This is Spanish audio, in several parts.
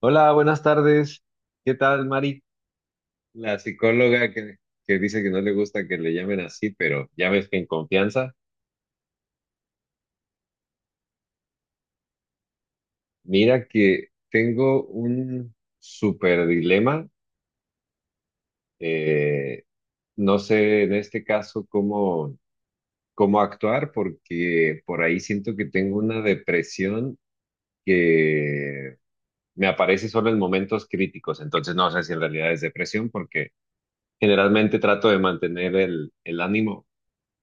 Hola, buenas tardes. ¿Qué tal, Mari? La psicóloga que dice que no le gusta que le llamen así, pero ya ves que en confianza. Mira que tengo un súper dilema. Eh, no sé en este caso cómo actuar porque por ahí siento que tengo una depresión que me aparece solo en momentos críticos. Entonces no sé si en realidad es depresión porque generalmente trato de mantener el ánimo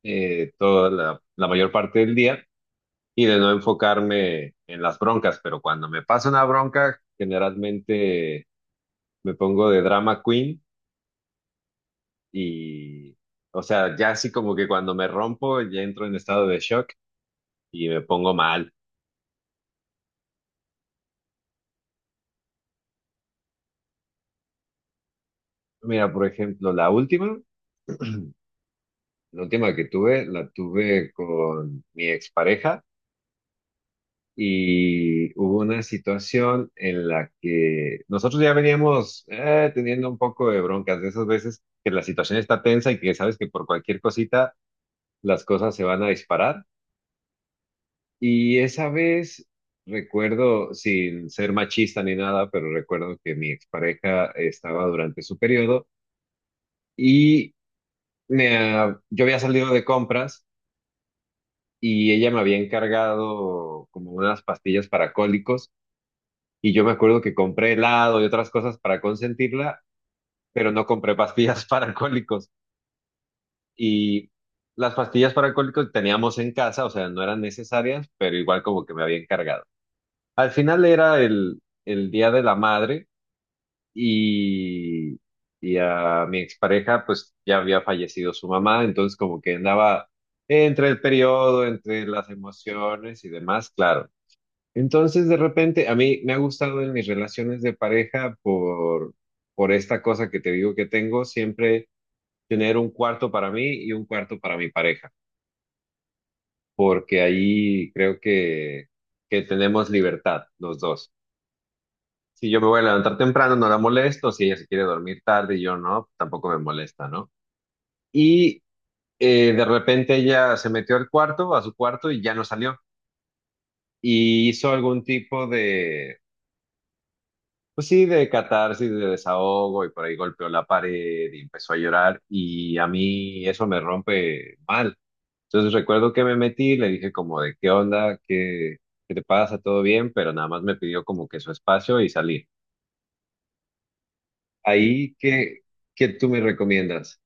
toda la mayor parte del día y de no enfocarme en las broncas, pero cuando me pasa una bronca, generalmente me pongo de drama queen y, o sea, ya así como que cuando me rompo, ya entro en estado de shock y me pongo mal. Mira, por ejemplo, la última que tuve, la tuve con mi expareja. Y hubo una situación en la que nosotros ya veníamos teniendo un poco de broncas, de esas veces que la situación está tensa y que sabes que por cualquier cosita las cosas se van a disparar. Y esa vez recuerdo, sin ser machista ni nada, pero recuerdo que mi expareja estaba durante su periodo y yo había salido de compras. Y ella me había encargado como unas pastillas para cólicos. Y yo me acuerdo que compré helado y otras cosas para consentirla, pero no compré pastillas para alcohólicos. Y las pastillas para alcohólicos teníamos en casa, o sea, no eran necesarias, pero igual como que me había encargado. Al final era el Día de la Madre y, y a mi expareja pues ya había fallecido su mamá, entonces como que andaba entre el periodo, entre las emociones y demás, claro. Entonces, de repente, a mí me ha gustado en mis relaciones de por esta cosa que te digo que tengo, siempre tener un cuarto para mí y un cuarto para mi pareja, porque ahí creo que tenemos libertad los dos. Si yo me voy a levantar temprano, no la molesto, si ella se quiere dormir tarde y yo no, tampoco me molesta, ¿no? Y de repente ella se metió al cuarto, a su cuarto, y ya no salió. Y hizo algún tipo de... Pues sí, de catarsis, de desahogo, y por ahí golpeó la pared y empezó a llorar, y a mí eso me rompe mal. Entonces recuerdo que me metí, le dije como de qué qué te pasa, todo bien, pero nada más me pidió como que su espacio y salí. Ahí, ¿qué tú me recomiendas?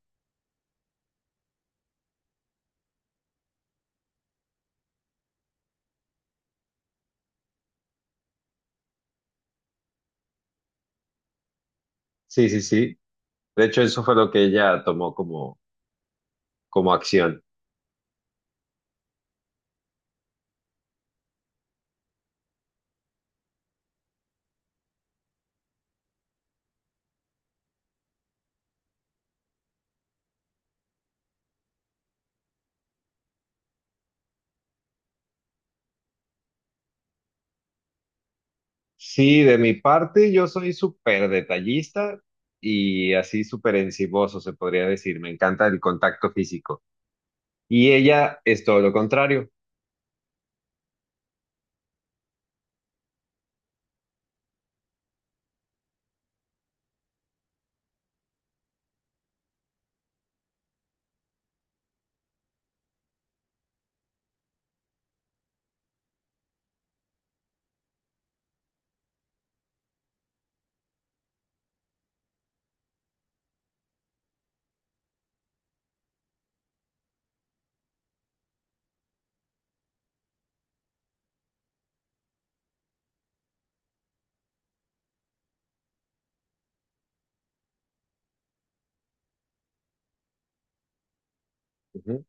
Sí, sí, sí. De hecho, eso fue lo que ella tomó como acción. Sí, de mi parte, yo soy súper detallista y así súper enciboso, se podría decir. Me encanta el contacto físico. Y ella es todo lo contrario. Ujú.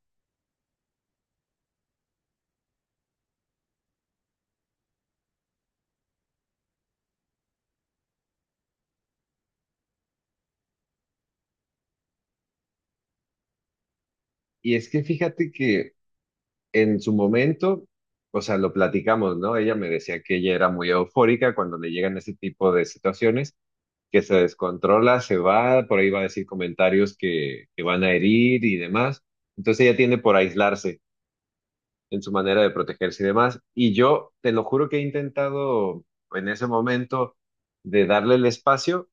Y es que fíjate que en su momento, o sea, lo platicamos, ¿no? Ella me decía que ella era muy eufórica cuando le llegan ese tipo de situaciones, que se descontrola, se va, por ahí va a decir comentarios que van a herir y demás. Entonces ella tiende por aislarse en su manera de protegerse y demás. Y yo te lo juro que he intentado en ese momento de darle el espacio,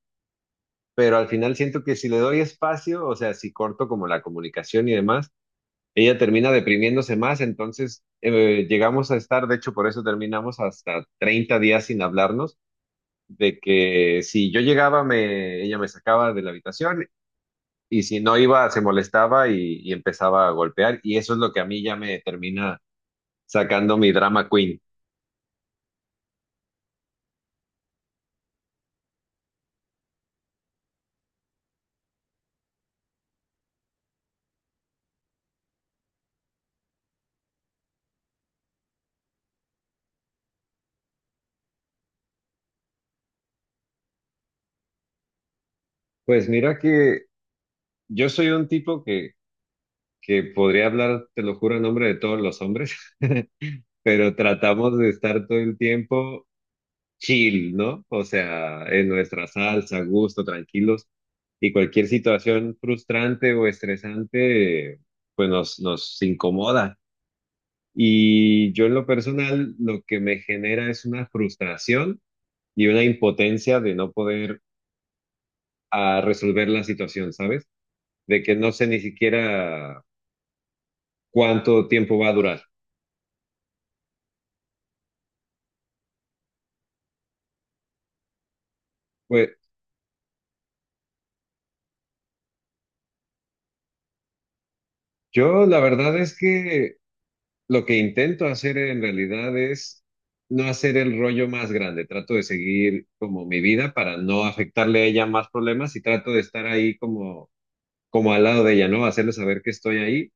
pero al final siento que si le doy espacio, o sea, si corto como la comunicación y demás, ella termina deprimiéndose más, entonces llegamos a estar, de hecho por eso terminamos hasta 30 días sin hablarnos, de que si yo llegaba, ella me sacaba de la habitación y si no iba, se molestaba y empezaba a golpear y eso es lo que a mí ya me termina sacando mi drama queen. Pues mira que yo soy un tipo que podría hablar, te lo juro, en nombre de todos los hombres. Pero tratamos de estar todo el tiempo chill, ¿no? O sea, en nuestra salsa, a gusto, tranquilos. Y cualquier situación frustrante o estresante, pues nos incomoda. Y yo en lo personal, lo que me genera es una frustración y una impotencia de no poder resolver la situación, ¿sabes? De que no sé ni siquiera cuánto tiempo va a durar. Pues yo la verdad es que... Lo que intento hacer en realidad es no hacer el rollo más grande. Trato de seguir como mi vida para no afectarle a ella más problemas y trato de estar ahí como al lado de ella, ¿no? Hacerle saber que estoy ahí.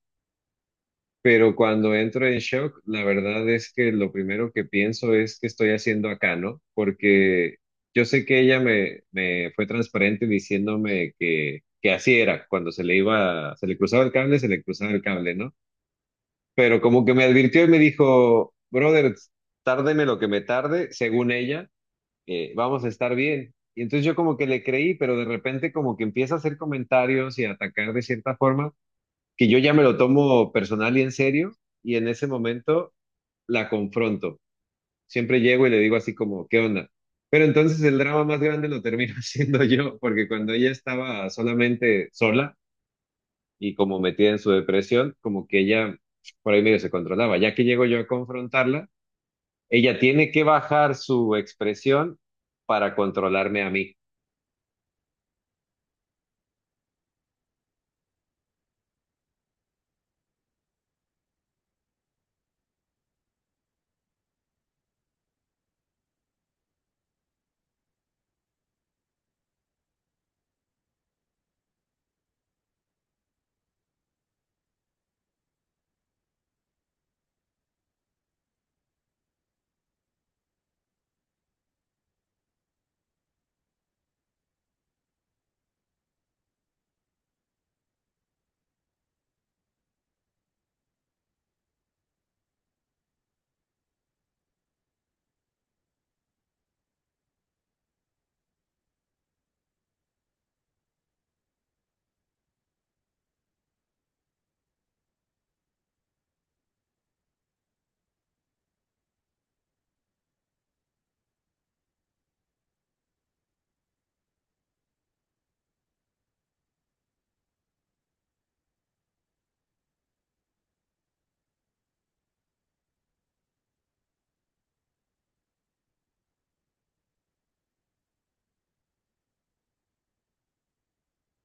Pero cuando entro en shock, la verdad es que lo primero que pienso es qué estoy haciendo acá, ¿no? Porque yo sé que ella me fue transparente diciéndome que así era. Cuando se le iba, se le cruzaba el cable, se le cruzaba el cable, ¿no? Pero como que me advirtió y me dijo, brother, tárdeme lo que me tarde, según ella, vamos a estar bien. Y entonces yo como que le creí, pero de repente como que empieza a hacer comentarios y a atacar de cierta forma, que yo ya me lo tomo personal y en serio, y en ese momento la confronto. Siempre llego y le digo así como, ¿qué onda? Pero entonces el drama más grande lo termino haciendo yo, porque cuando ella estaba solamente sola, y como metida en su depresión, como que ella por ahí medio se controlaba. Ya que llego yo a confrontarla, ella tiene que bajar su expresión para controlarme a mí.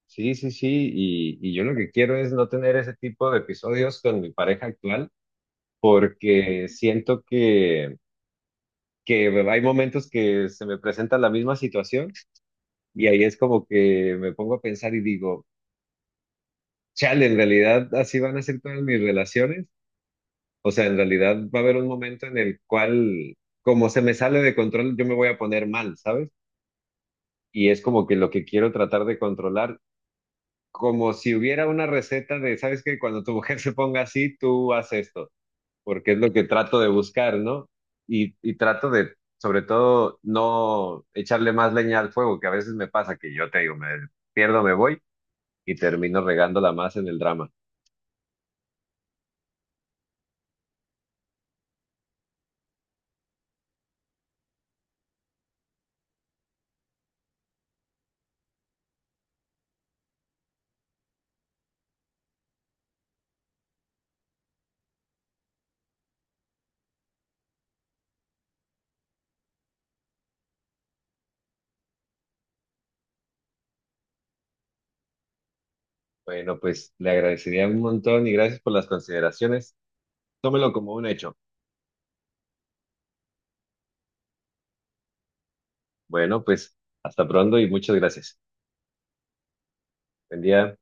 Sí, sí, sí, y yo lo que quiero es no tener ese tipo de episodios con mi pareja actual, porque siento que hay momentos que se me presenta la misma situación y ahí es como que me pongo a pensar y digo, chale, en realidad así van a ser todas mis relaciones. O sea, en realidad va a haber un momento en el cual, como se me sale de control, yo me voy a poner mal, ¿sabes? Y es como que lo que quiero tratar de controlar, como si hubiera una receta de, ¿sabes qué? Cuando tu mujer se ponga así, tú haz esto, porque es lo que trato de buscar, ¿no? Y trato de, sobre todo, no echarle más leña al fuego, que a veces me pasa que yo te digo, me pierdo, me voy y termino regándola más en el drama. Bueno, pues le agradecería un montón y gracias por las consideraciones. Tómelo como un hecho. Bueno, pues hasta pronto y muchas gracias. Buen día.